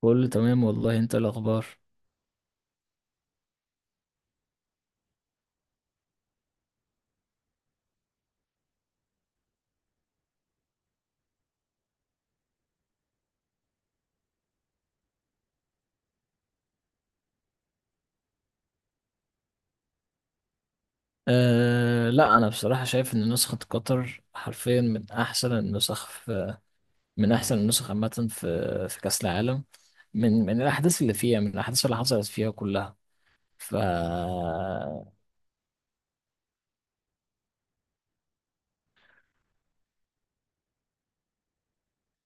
كله تمام والله، انت إيه الاخبار؟ لا، انا بصراحه شايف ان نسخه قطر حرفيا من احسن النسخ عامه، في كاس العالم، من الاحداث اللي حصلت فيها كلها. ف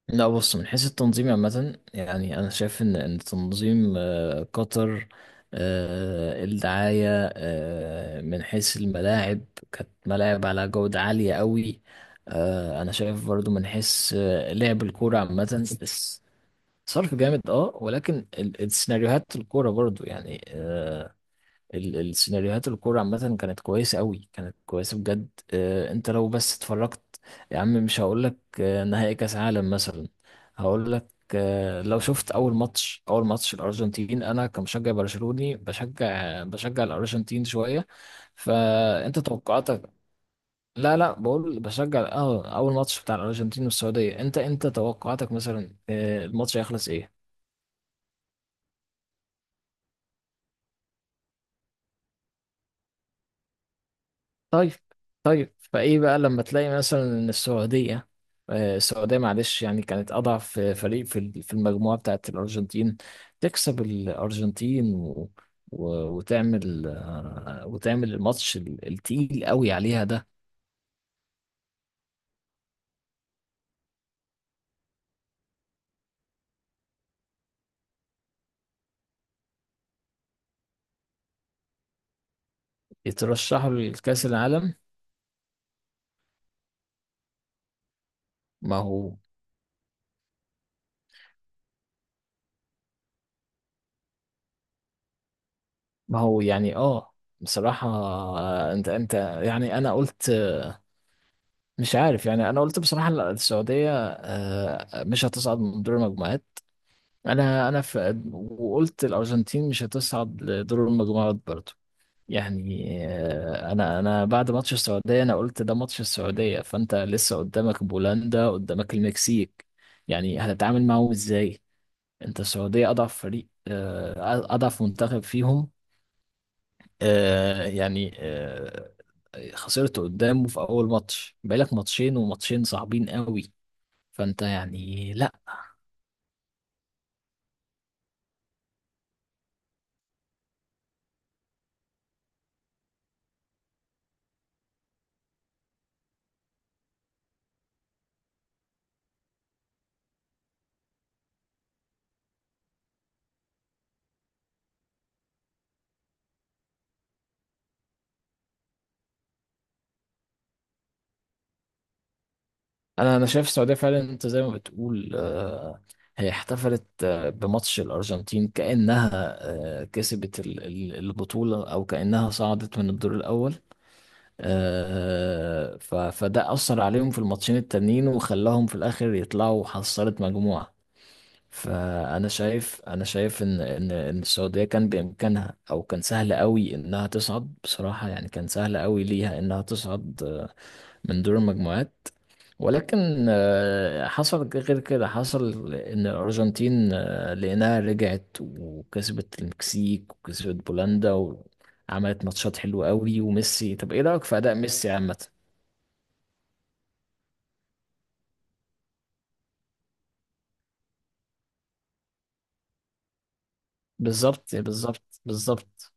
لا، بص، من حيث التنظيم عامة، يعني أنا شايف إن تنظيم قطر، الدعاية، من حيث الملاعب، كانت ملاعب على جودة عالية قوي. أنا شايف برضو من حيث لعب الكورة عامة. الصرف جامد، ولكن السيناريوهات الكورة برضو، يعني السيناريوهات الكورة عامة كانت كويسة قوي، كانت كويسة بجد. انت لو بس اتفرجت، يا عم مش هقولك نهائي كأس عالم مثلا، هقولك لو شفت أول ماتش، أول ماتش الأرجنتين. أنا كمشجع برشلوني بشجع الأرجنتين شوية، فأنت توقعاتك. لا، لا، بقول بشجع، أول ماتش بتاع الأرجنتين والسعودية. أنت توقعاتك مثلا، الماتش هيخلص إيه؟ طيب، طيب، فايه بقى لما تلاقي مثلا ان السعوديه، السعوديه، معلش يعني، كانت اضعف فريق في في المجموعه بتاعت الارجنتين، تكسب الارجنتين وتعمل الماتش التقيل قوي عليها ده. يترشحوا لكأس العالم. ما هو ما هو يعني. اه بصراحة، انت، يعني انا قلت، مش عارف، يعني انا قلت بصراحة السعودية مش هتصعد من دور المجموعات. انا وقلت الارجنتين مش هتصعد لدور المجموعات برضو. يعني انا بعد ماتش السعوديه، انا قلت ده ماتش السعوديه، فانت لسه قدامك بولندا، قدامك المكسيك، يعني هتتعامل معاهم ازاي؟ انت السعوديه اضعف فريق، اضعف منتخب فيهم. يعني، خسرت قدامه في اول ماتش، بقالك ماتشين، وماتشين صعبين قوي، فانت يعني لا. انا شايف السعوديه فعلا، انت زي ما بتقول، هي احتفلت بماتش الارجنتين كانها كسبت البطوله، او كانها صعدت من الدور الاول. فده اثر عليهم في الماتشين التانيين، وخلاهم في الاخر يطلعوا حصلت مجموعه. فانا شايف ان السعوديه كان بامكانها، او كان سهل قوي انها تصعد، بصراحه يعني كان سهل قوي ليها انها تصعد من دور المجموعات. ولكن حصل غير كده، حصل ان الارجنتين لانها رجعت وكسبت المكسيك وكسبت بولندا، وعملت ماتشات حلوة قوي. طب، ايه رايك في اداء ميسي عامة؟ بالظبط، بالظبط، بالظبط.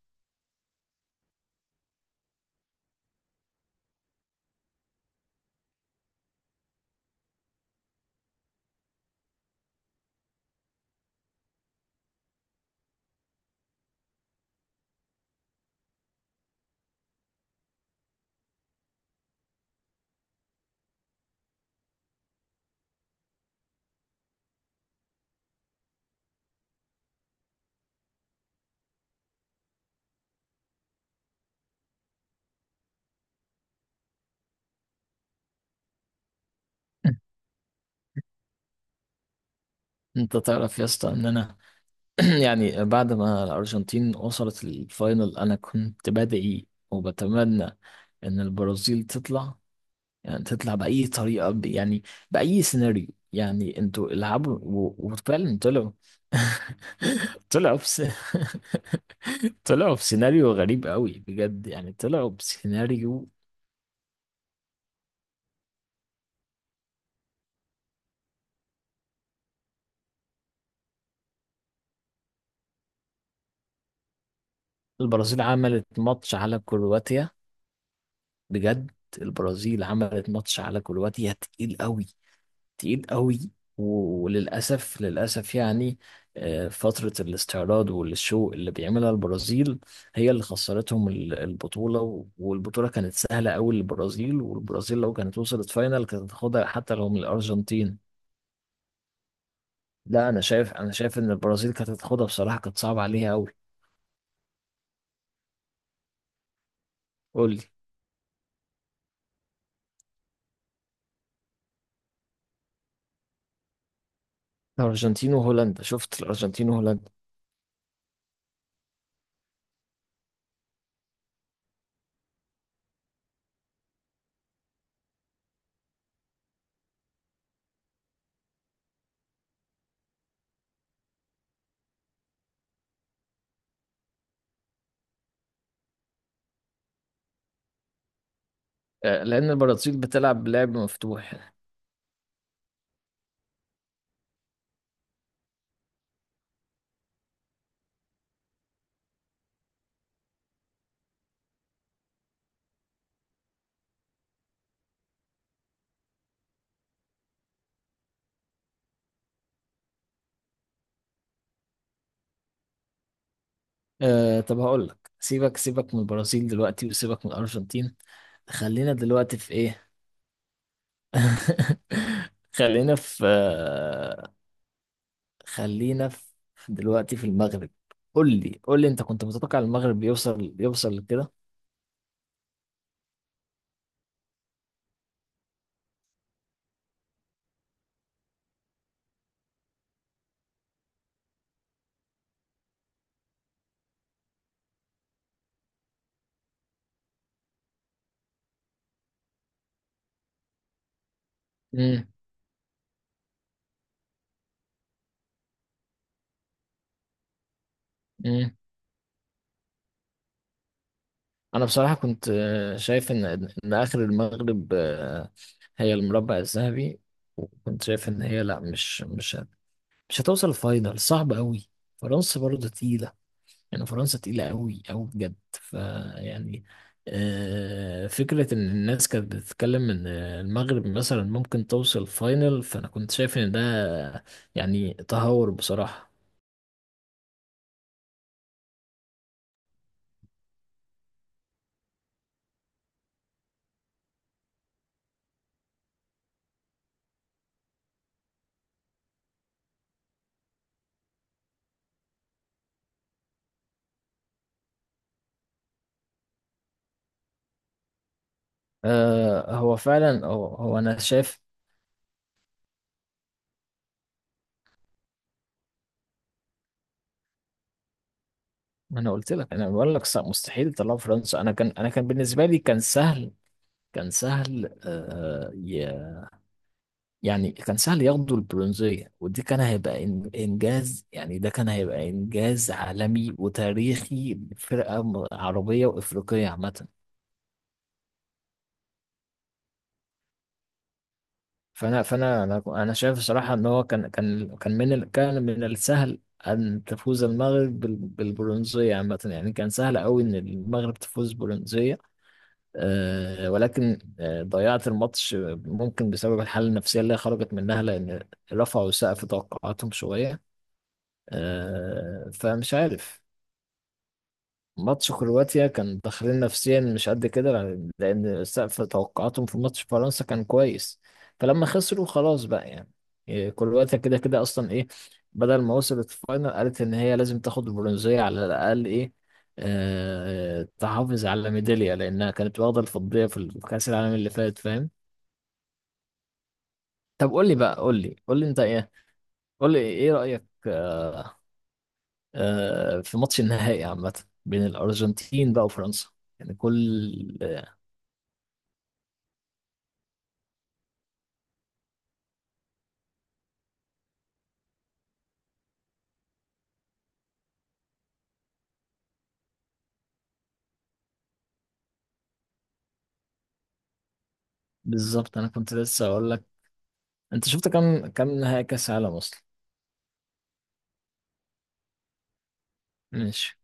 انت تعرف يا اسطى ان انا، يعني بعد ما الارجنتين وصلت الفاينل، انا كنت بدعي وبتمنى ان البرازيل تطلع، يعني تطلع بأي طريقة، يعني بأي سيناريو، يعني انتوا العبوا وفعلا طلعوا. طلعوا بس. طلعوا في سيناريو غريب قوي بجد، يعني طلعوا بسيناريو. البرازيل عملت ماتش على كرواتيا، بجد البرازيل عملت ماتش على كرواتيا تقيل قوي، تقيل قوي. وللأسف، للأسف، يعني فترة الاستعراض والشو اللي بيعملها البرازيل هي اللي خسرتهم البطولة. والبطولة كانت سهلة قوي للبرازيل، والبرازيل لو كانت وصلت فاينل كانت هتاخدها حتى لو من الأرجنتين. لا، أنا شايف إن البرازيل كانت هتاخدها بصراحة، كانت صعبة عليها قوي. قول لي. الأرجنتين وهولندا، شفت الأرجنتين وهولندا. لأن البرازيل بتلعب بلعب مفتوح. طب هقول لك، سيبك سيبك من البرازيل دلوقتي، وسيبك من الأرجنتين. خلينا دلوقتي في إيه. خلينا في آه، خلينا في دلوقتي في المغرب. قول لي، قول لي، أنت كنت متوقع المغرب يوصل لكده؟ امم. امم. أنا بصراحة كنت شايف إن آخر المغرب هي المربع الذهبي. وكنت شايف إن هي لا، مش هتوصل الفاينل، صعب قوي. فرنسا برضه تقيلة، يعني فرنسا تقيلة قوي قوي بجد، فيعني. فكرة إن الناس كانت بتتكلم إن المغرب مثلا ممكن توصل فاينل، فأنا كنت شايف إن ده يعني تهور بصراحة. هو فعلا، هو انا شايف. ما انا قلت لك، انا بقول لك مستحيل يطلعوا فرنسا. انا كان بالنسبه لي كان سهل. كان سهل، يعني كان سهل ياخدوا البرونزية، ودي كان هيبقى إنجاز، يعني ده كان هيبقى إنجاز عالمي وتاريخي لفرقة عربية وإفريقية عامة. فأنا فأنا أنا أنا شايف الصراحة إن هو كان من السهل أن تفوز المغرب بالبرونزية عامة، يعني كان سهل أوي إن المغرب تفوز برونزية. ولكن ضيعت الماتش، ممكن بسبب الحالة النفسية اللي هي خرجت منها، لأن رفعوا سقف توقعاتهم شوية. فمش عارف. ماتش كرواتيا كان داخلين نفسيا مش قد كده، لأن سقف توقعاتهم في ماتش فرنسا كان كويس، فلما خسروا خلاص بقى، يعني. إيه، كرواتيا كده كده أصلا، إيه، بدل ما وصلت الفاينل قالت إن هي لازم تاخد البرونزية على الأقل، إيه، تحافظ على ميدالية، لأنها كانت واخدة الفضية في كأس العالم اللي فات، فاهم؟ طب قول لي بقى، قول لي، قول لي أنت إيه، قول لي إيه رأيك في ماتش النهائي عامة، بين الأرجنتين بقى وفرنسا؟ يعني كل بالظبط، أنا كنت لسه أقول لك، أنت شفت كام كام نهائي كأس عالم أصلا؟ ماشي.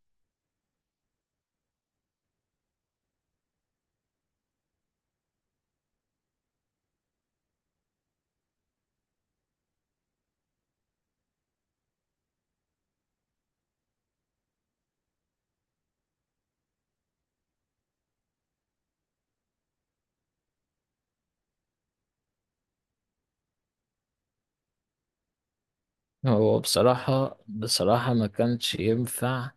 هو بصراحة، بصراحة ما كانش ينفع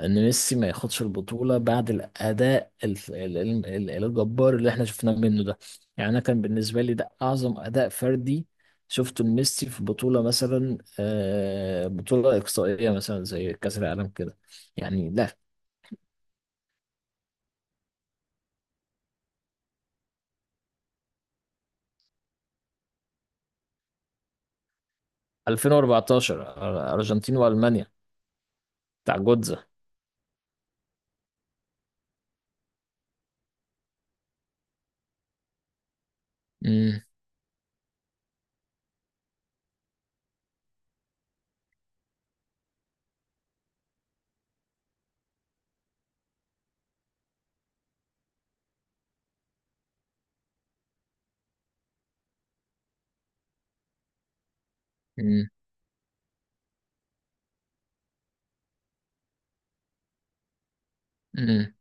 إن ميسي ما ياخدش البطولة بعد الأداء الجبار اللي إحنا شفناه منه ده. يعني أنا، كان بالنسبة لي ده أعظم أداء فردي شفته لميسي في بطولة، مثلا بطولة إقصائية مثلا زي كأس العالم كده. يعني لا. 2014، ارجنتين والمانيا، بتاع جوتزا. امم. امم. امم.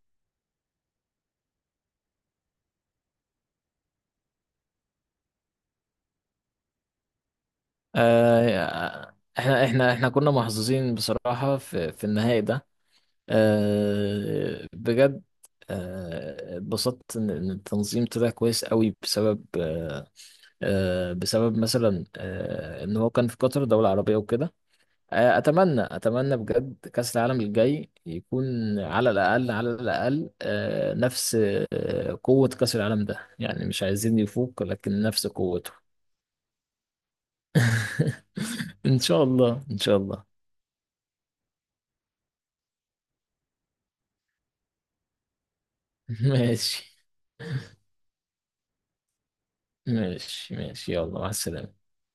آه احنا كنا محظوظين بصراحة، في النهائي ده. بجد. اتبسطت إن التنظيم طلع كويس قوي، بسبب بسبب مثلا ان هو كان في قطر دولة عربية وكده. اتمنى اتمنى بجد كاس العالم الجاي يكون على الاقل، على الاقل نفس، قوة كاس العالم ده، يعني مش عايزين يفوق، لكن نفس قوته. ان شاء الله، ان شاء الله. ماشي، ماشي، ماشي، يلا، مع السلامة.